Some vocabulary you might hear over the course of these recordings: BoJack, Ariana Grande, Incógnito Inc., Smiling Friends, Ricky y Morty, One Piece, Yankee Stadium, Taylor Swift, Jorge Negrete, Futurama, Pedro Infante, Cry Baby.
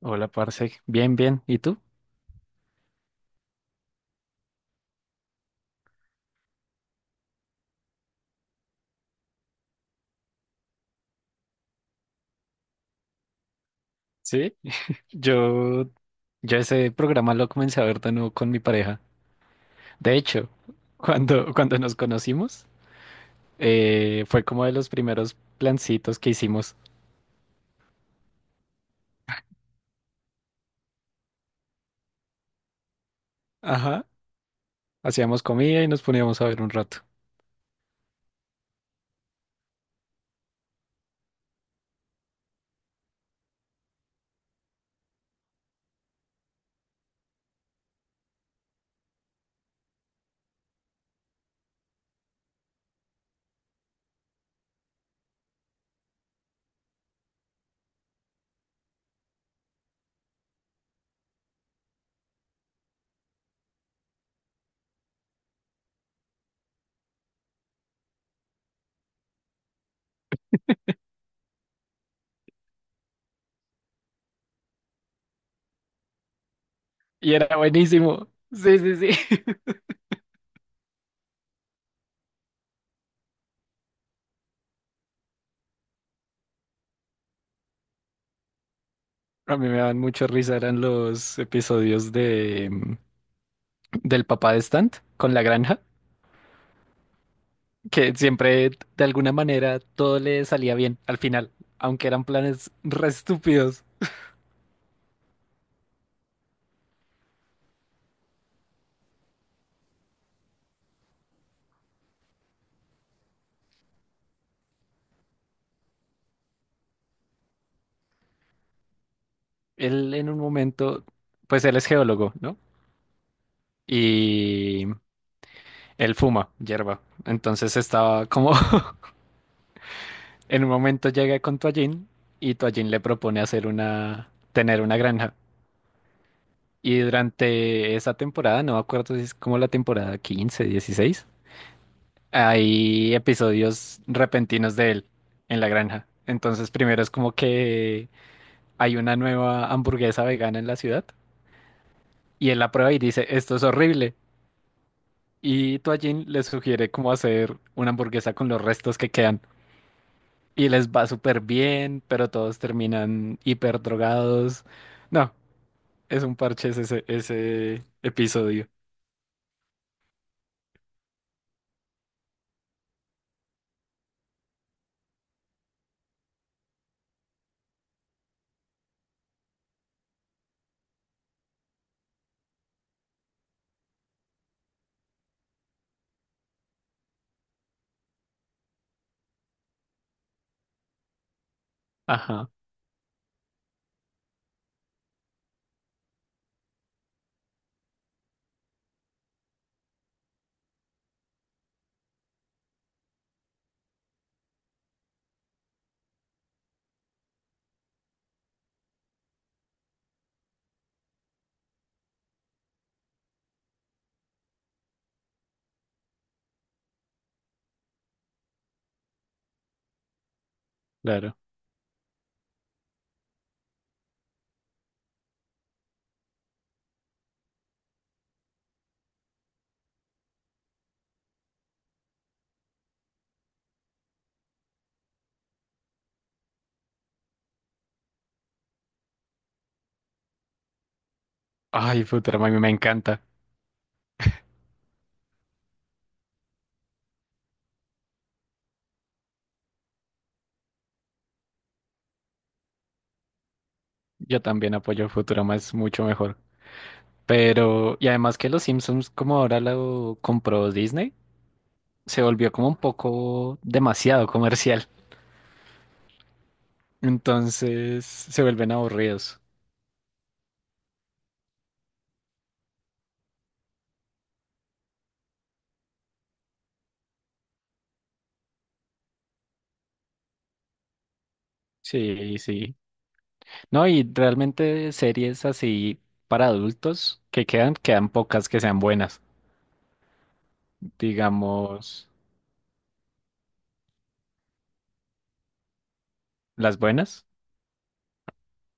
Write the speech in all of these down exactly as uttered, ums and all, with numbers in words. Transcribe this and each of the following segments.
Hola, parce. Bien, bien. ¿Y tú? Sí. Yo, yo ese programa lo comencé a ver de nuevo con mi pareja. De hecho, cuando, cuando nos conocimos, eh, fue como de los primeros plancitos que hicimos. Ajá. Hacíamos comida y nos poníamos a ver un rato. Y era buenísimo. Sí, sí, sí. A mí me daban mucho risa, eran los episodios de mm, del papá de Stant con la granja, que siempre de alguna manera todo le salía bien al final, aunque eran planes re estúpidos. Él en un momento, pues él es geólogo, ¿no? Y él fuma hierba. Entonces estaba como en un momento llega con Toallín y Toallín le propone hacer una, tener una granja. Y durante esa temporada, no me acuerdo si es como la temporada quince dieciséis, hay episodios repentinos de él en la granja. Entonces primero es como que hay una nueva hamburguesa vegana en la ciudad y él la prueba y dice, esto es horrible. Y Toallín les sugiere cómo hacer una hamburguesa con los restos que quedan. Y les va súper bien, pero todos terminan hiper drogados. No, es un parche ese, ese episodio. Ajá, claro. Ay, Futurama, a mí me encanta. Yo también apoyo Futurama, es mucho mejor. Pero, y además que los Simpsons, como ahora lo compró Disney, se volvió como un poco demasiado comercial. Entonces se vuelven aburridos. Sí, sí. No, y realmente series así para adultos que quedan, quedan pocas que sean buenas. Digamos, las buenas.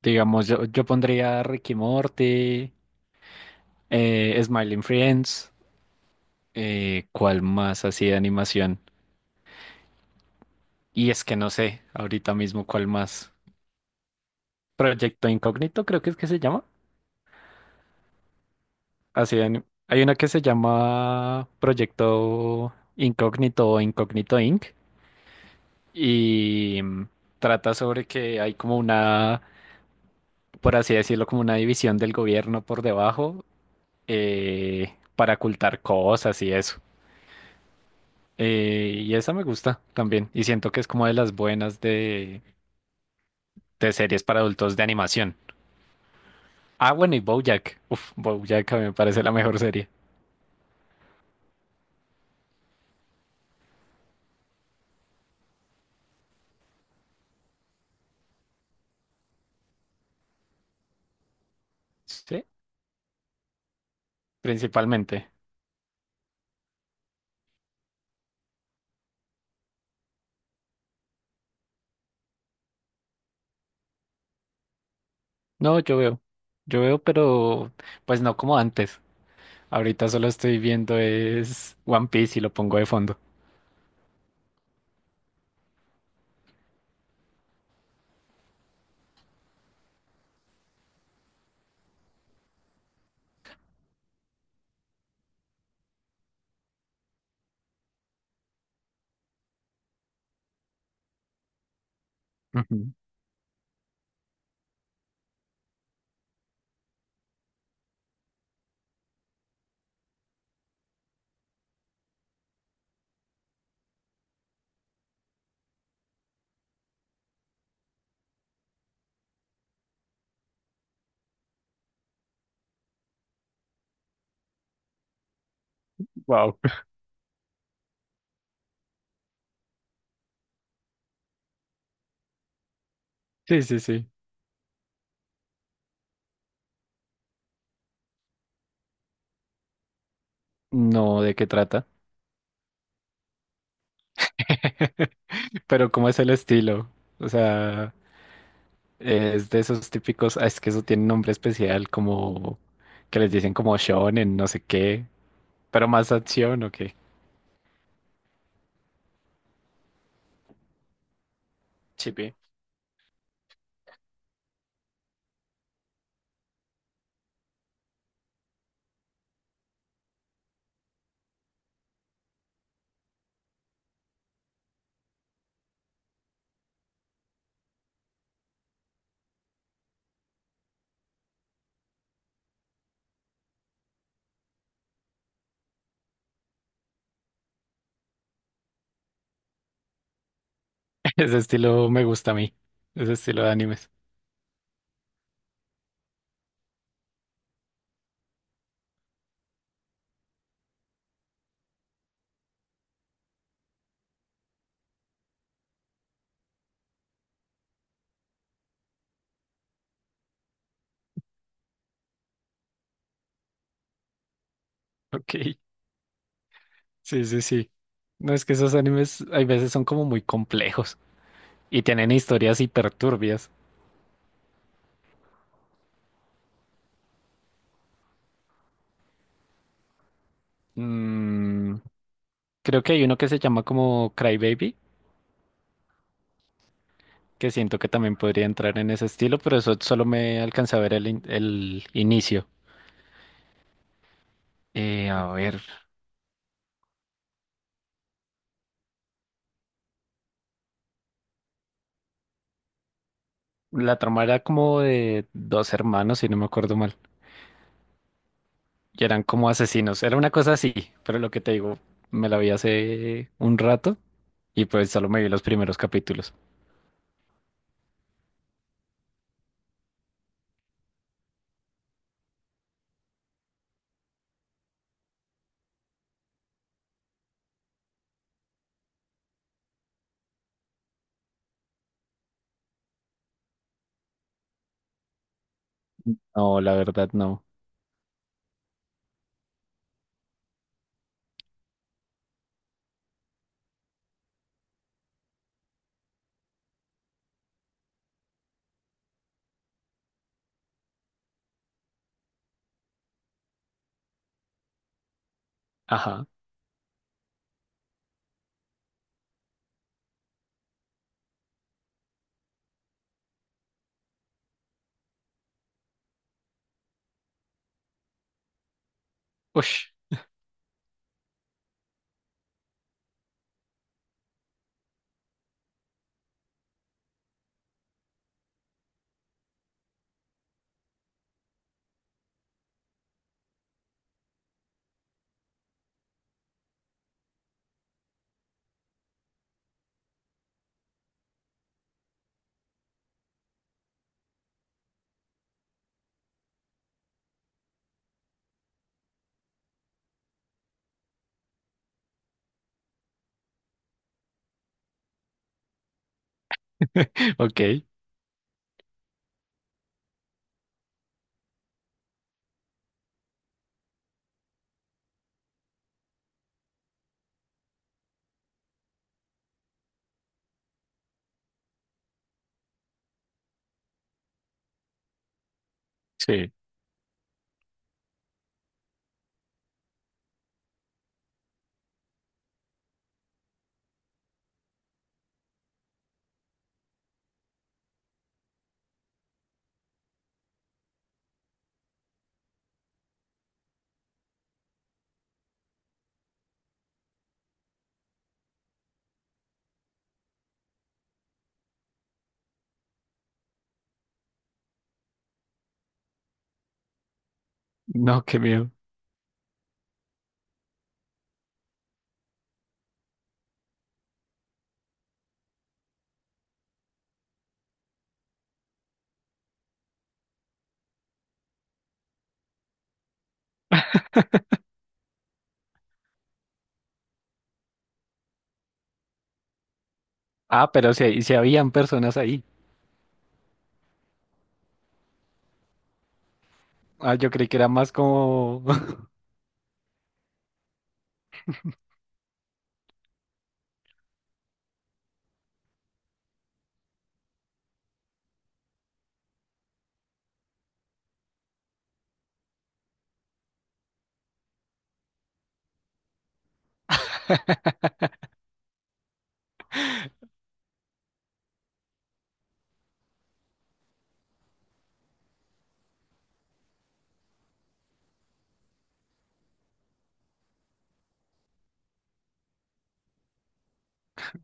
Digamos, yo, yo pondría Ricky y Morty, eh, Smiling Friends, eh, ¿cuál más así de animación? Y es que no sé ahorita mismo cuál más. Proyecto Incógnito, creo que es que se llama. Así de ani- hay una que se llama Proyecto Incógnito o Incógnito inc y mm, trata sobre que hay como una, por así decirlo, como una división del gobierno por debajo, eh, para ocultar cosas y eso. Eh, y esa me gusta también. Y siento que es como de las buenas de, de series para adultos de animación. Ah, bueno, y BoJack. Uf, BoJack a mí me parece la mejor serie. Sí, principalmente. No, yo veo. Yo veo, pero pues no como antes. Ahorita solo estoy viendo es One Piece y lo pongo de fondo. Wow. Sí, sí, sí. No, ¿de qué trata? Pero, ¿cómo es el estilo? O sea, es de esos típicos, ah, es que eso tiene un nombre especial, como que les dicen como shonen, no sé qué, pero más acción o qué. Sí, pi. Ese estilo me gusta a mí, ese estilo de animes. Ok, sí, sí, sí. No, es que esos animes hay veces son como muy complejos y tienen historias hiperturbias. Mm, creo que hay uno que se llama como Cry Baby, que siento que también podría entrar en ese estilo, pero eso solo me alcanza a ver el, in- el inicio. Eh, a ver, la trama era como de dos hermanos, si no me acuerdo mal, y eran como asesinos, era una cosa así, pero lo que te digo, me la vi hace un rato y pues solo me vi los primeros capítulos. No, la verdad no. Ajá. Ush. Ok, sí. No, qué miedo. Ah, pero si, si habían personas ahí. Ah, yo creí que era más como...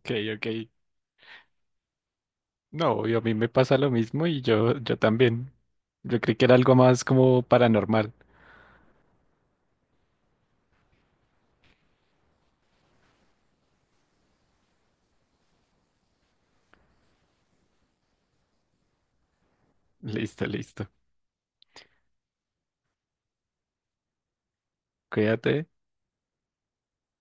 Ok, ok. No, y a mí me pasa lo mismo y yo, yo también. Yo creí que era algo más como paranormal. Listo, listo. Cuídate.